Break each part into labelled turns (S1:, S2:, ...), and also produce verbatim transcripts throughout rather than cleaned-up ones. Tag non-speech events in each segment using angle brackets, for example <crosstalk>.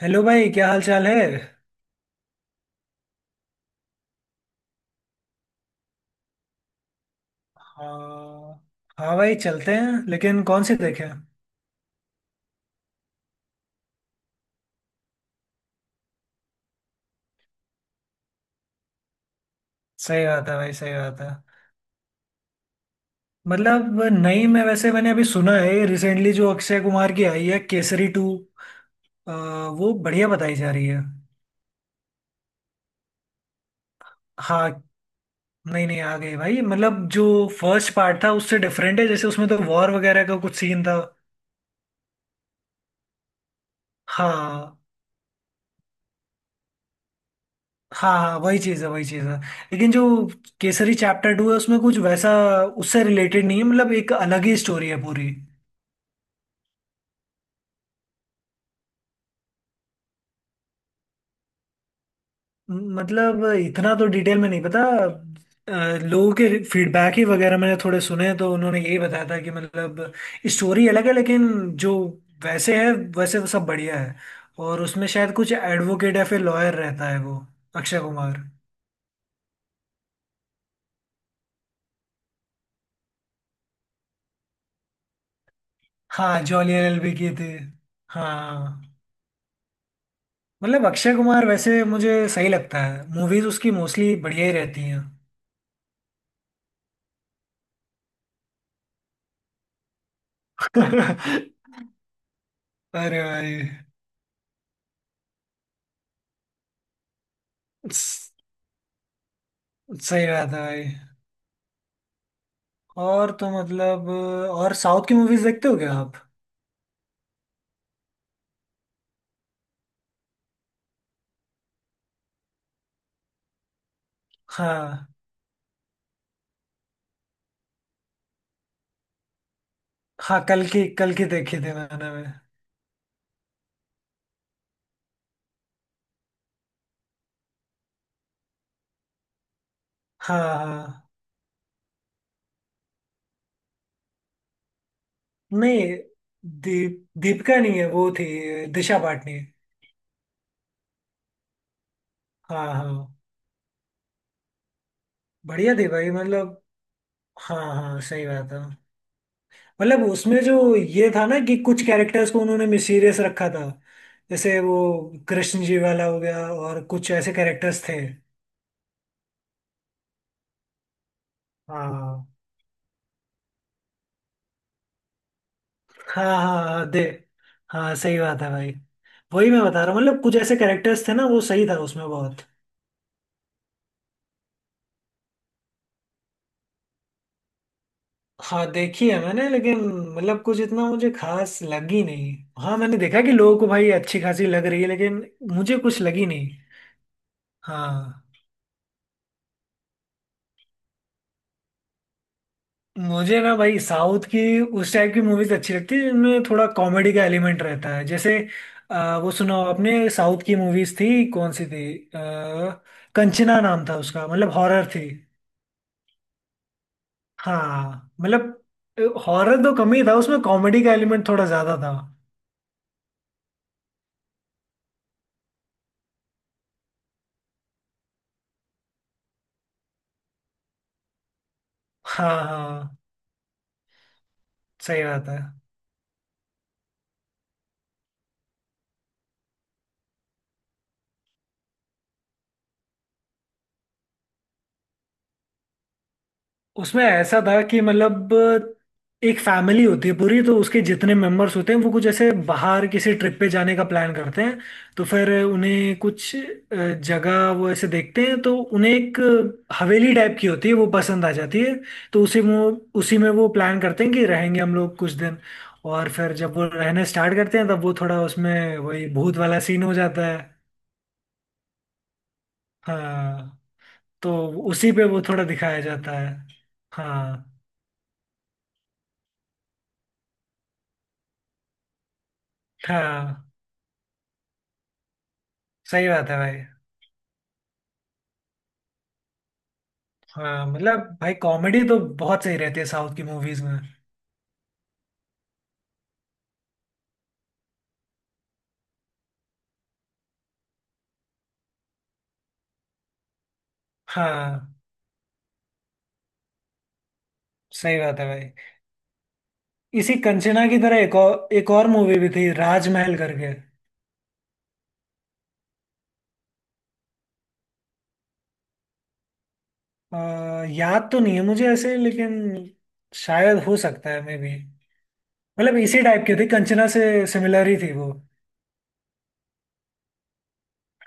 S1: Hello भाई, क्या हाल चाल है। हाँ। हाँ भाई चलते हैं, लेकिन कौन सी देखें। सही बात है भाई, सही बात है। मतलब नई में वैसे मैंने अभी सुना है, रिसेंटली जो अक्षय कुमार की आई है केसरी टू, वो बढ़िया बताई जा रही है। हाँ। नहीं नहीं आ गई भाई, मतलब जो फर्स्ट पार्ट था उससे डिफरेंट है। जैसे उसमें तो वॉर वगैरह का कुछ सीन था। हाँ। हाँ हाँ वही चीज़ है, वही चीज़ है। लेकिन जो केसरी चैप्टर टू है उसमें कुछ वैसा उससे रिलेटेड नहीं है। मतलब एक अलग ही स्टोरी है पूरी। मतलब इतना तो डिटेल में नहीं पता। अ, लोगों के फीडबैक ही वगैरह मैंने थोड़े सुने, तो उन्होंने यही बताया था कि मतलब स्टोरी अलग है, लेकिन जो वैसे है, वैसे तो सब बढ़िया है। और उसमें शायद कुछ एडवोकेट या फिर लॉयर रहता है, वो अक्षय कुमार। हाँ जॉली एलएलबी की थी। हाँ मतलब अक्षय कुमार वैसे मुझे सही लगता है। मूवीज उसकी मोस्टली बढ़िया ही रहती हैं। <laughs> अरे भाई। स- सही बात है भाई। और तो मतलब, और साउथ की मूवीज देखते हो क्या आप। हाँ, हाँ कल की कल की देखी थी मैंने भी। हाँ हाँ नहीं, दीप दीपिका नहीं है। वो थी दिशा पाटनी। हाँ हाँ। बढ़िया थी भाई मतलब। हाँ हाँ सही बात है। मतलब उसमें जो ये था ना कि कुछ कैरेक्टर्स को उन्होंने सीरियस रखा था, जैसे वो कृष्ण जी वाला हो गया, और कुछ ऐसे कैरेक्टर्स थे। हाँ हाँ हाँ हाँ दे। हाँ सही बात है भाई। वही मैं बता रहा हूँ, मतलब कुछ ऐसे कैरेक्टर्स थे ना, वो सही था उसमें बहुत। हाँ देखी है मैंने, लेकिन मतलब कुछ इतना मुझे खास लगी नहीं। हाँ मैंने देखा कि लोगों को भाई अच्छी खासी लग रही है, लेकिन मुझे कुछ लगी नहीं। हाँ मुझे ना भाई साउथ की उस टाइप की मूवीज अच्छी लगती है जिनमें थोड़ा कॉमेडी का एलिमेंट रहता है। जैसे अ, वो सुनाओ, अपने साउथ की मूवीज थी कौन सी थी। आ, कंचना नाम था उसका, मतलब हॉरर थी। हाँ मतलब हॉरर तो कम ही था, उसमें कॉमेडी का एलिमेंट थोड़ा ज्यादा था। हाँ हाँ सही बात है। उसमें ऐसा था कि मतलब एक फैमिली होती है पूरी, तो उसके जितने मेंबर्स होते हैं वो कुछ ऐसे बाहर किसी ट्रिप पे जाने का प्लान करते हैं। तो फिर उन्हें कुछ अ, जगह वो ऐसे देखते हैं, तो उन्हें एक हवेली टाइप की होती है वो पसंद आ जाती है। तो उसी वो उसी में वो प्लान करते हैं कि रहेंगे हम लोग कुछ दिन। और फिर जब वो रहने स्टार्ट करते हैं तब वो थोड़ा उसमें वही भूत वाला सीन हो जाता है। हाँ। तो उसी पे वो थोड़ा दिखाया जाता है। हाँ हाँ सही बात है भाई। हाँ मतलब भाई कॉमेडी तो बहुत सही रहती है साउथ की मूवीज में। हाँ सही बात है भाई। इसी कंचना की तरह एक और एक और मूवी भी थी, राजमहल करके। अ, याद तो नहीं है मुझे ऐसे, लेकिन शायद हो सकता है, मे बी। मतलब इसी टाइप की थी कंचना से, सिमिलर ही थी वो।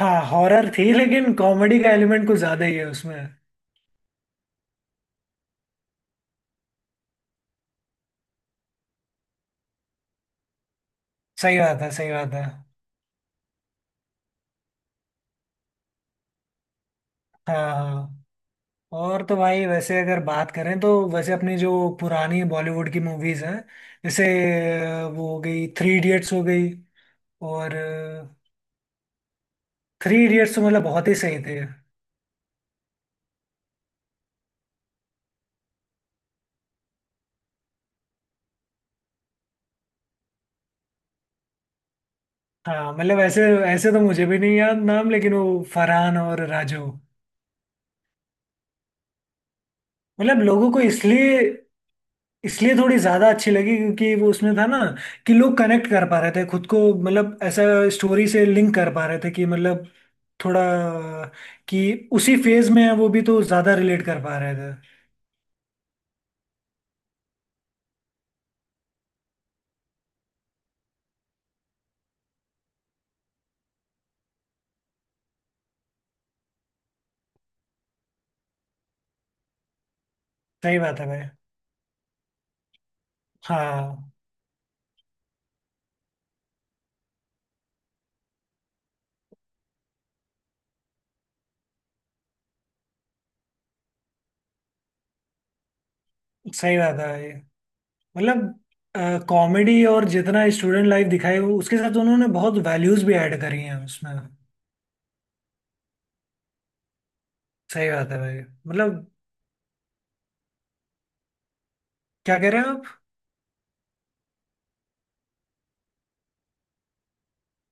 S1: हाँ हॉरर थी, लेकिन कॉमेडी का एलिमेंट कुछ ज्यादा ही है उसमें। सही बात है, सही बात है। हाँ हाँ। और तो भाई वैसे अगर बात करें तो वैसे अपनी जो पुरानी बॉलीवुड की मूवीज हैं, जैसे अ, वो हो गई थ्री इडियट्स हो गई। और थ्री इडियट्स तो मतलब बहुत ही सही थे। हाँ मतलब ऐसे ऐसे तो मुझे भी नहीं याद नाम, लेकिन वो फरहान और राजू। मतलब लोगों को इसलिए इसलिए थोड़ी ज्यादा अच्छी लगी क्योंकि वो उसमें था ना कि लोग कनेक्ट कर पा रहे थे खुद को। मतलब ऐसा स्टोरी से लिंक कर पा रहे थे कि मतलब थोड़ा कि उसी फेज में है वो भी, तो ज्यादा रिलेट कर पा रहे थे। सही बात है भाई। हाँ सही बात है भाई। मतलब कॉमेडी और जितना स्टूडेंट लाइफ दिखाई वो- उसके साथ उन्होंने बहुत वैल्यूज भी ऐड करी हैं उसमें। सही बात है भाई। मतलब क्या कह रहे हैं आप।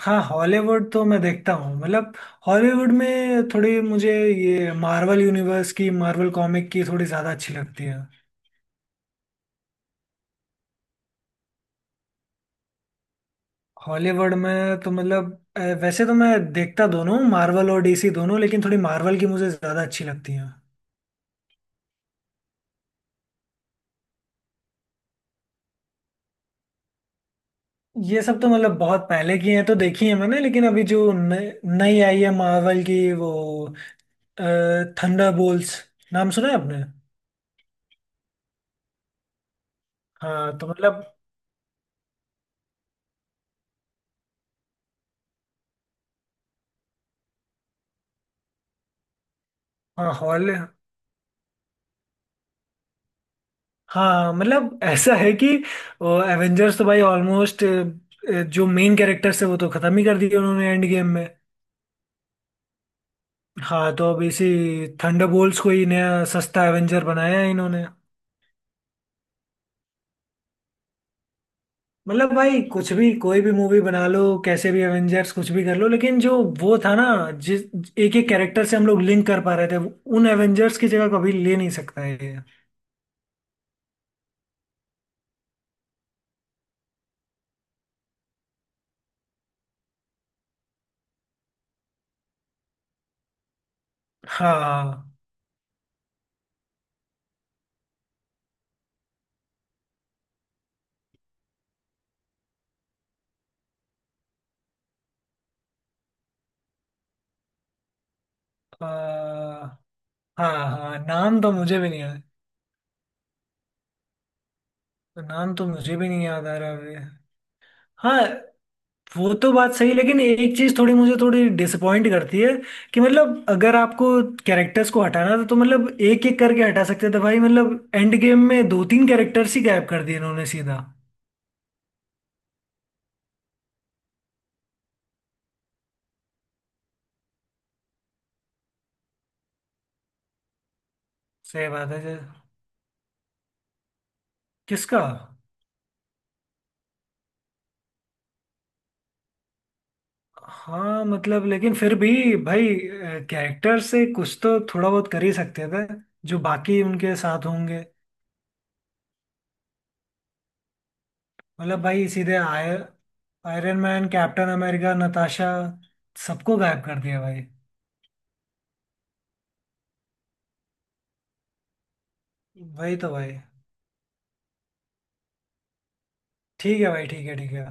S1: हाँ हॉलीवुड तो मैं देखता हूँ, मतलब हॉलीवुड में थोड़ी मुझे ये मार्वल यूनिवर्स की मार्वल कॉमिक की थोड़ी ज़्यादा अच्छी लगती है। हॉलीवुड में तो मतलब अ, वैसे तो मैं देखता दोनों हूँ, मार्वल और डीसी दोनों, लेकिन थोड़ी मार्वल की मुझे ज़्यादा अच्छी लगती है। ये सब तो मतलब बहुत पहले की हैं, तो देखी है मैंने। लेकिन अभी जो न- नई आई है मार्वल की, वो थंडरबोल्ट्स, नाम सुना है आपने। हाँ तो मतलब। हाँ हाँ मतलब ऐसा है कि एवेंजर्स तो भाई ऑलमोस्ट जो मेन कैरेक्टर्स है वो तो खत्म ही कर दिए उन्होंने एंड गेम में। हाँ तो अब इसी थंडरबोल्ट्स को ही नया सस्ता एवेंजर बनाया है इन्होंने। मतलब भाई कुछ भी कोई भी मूवी बना लो, कैसे भी एवेंजर्स कुछ भी कर लो, लेकिन जो वो था ना जिस एक एक कैरेक्टर से हम लोग लिंक कर पा रहे थे, उन एवेंजर्स की जगह कभी ले नहीं सकता है ये। हाँ। अ, हाँ हाँ नाम तो मुझे भी नहीं याद। नाम तो मुझे भी नहीं याद आ रहा अभी। हाँ। वो तो बात सही, लेकिन एक चीज थोड़ी मुझे थोड़ी डिसअपॉइंट करती है कि मतलब अगर आपको कैरेक्टर्स को हटाना था तो मतलब एक एक करके हटा सकते थे भाई। मतलब एंड गेम में दो तीन कैरेक्टर्स ही गायब कर दिए इन्होंने सीधा। सही बात है जे- किसका। हाँ मतलब लेकिन फिर भी भाई कैरेक्टर से कुछ तो थोड़ा बहुत कर ही सकते थे, जो बाकी उनके साथ होंगे। मतलब भाई सीधे आयर Iron Man, Captain America, Natasha, सबको गायब कर दिया भाई। वही तो भाई। ठीक है भाई, ठीक है, ठीक है।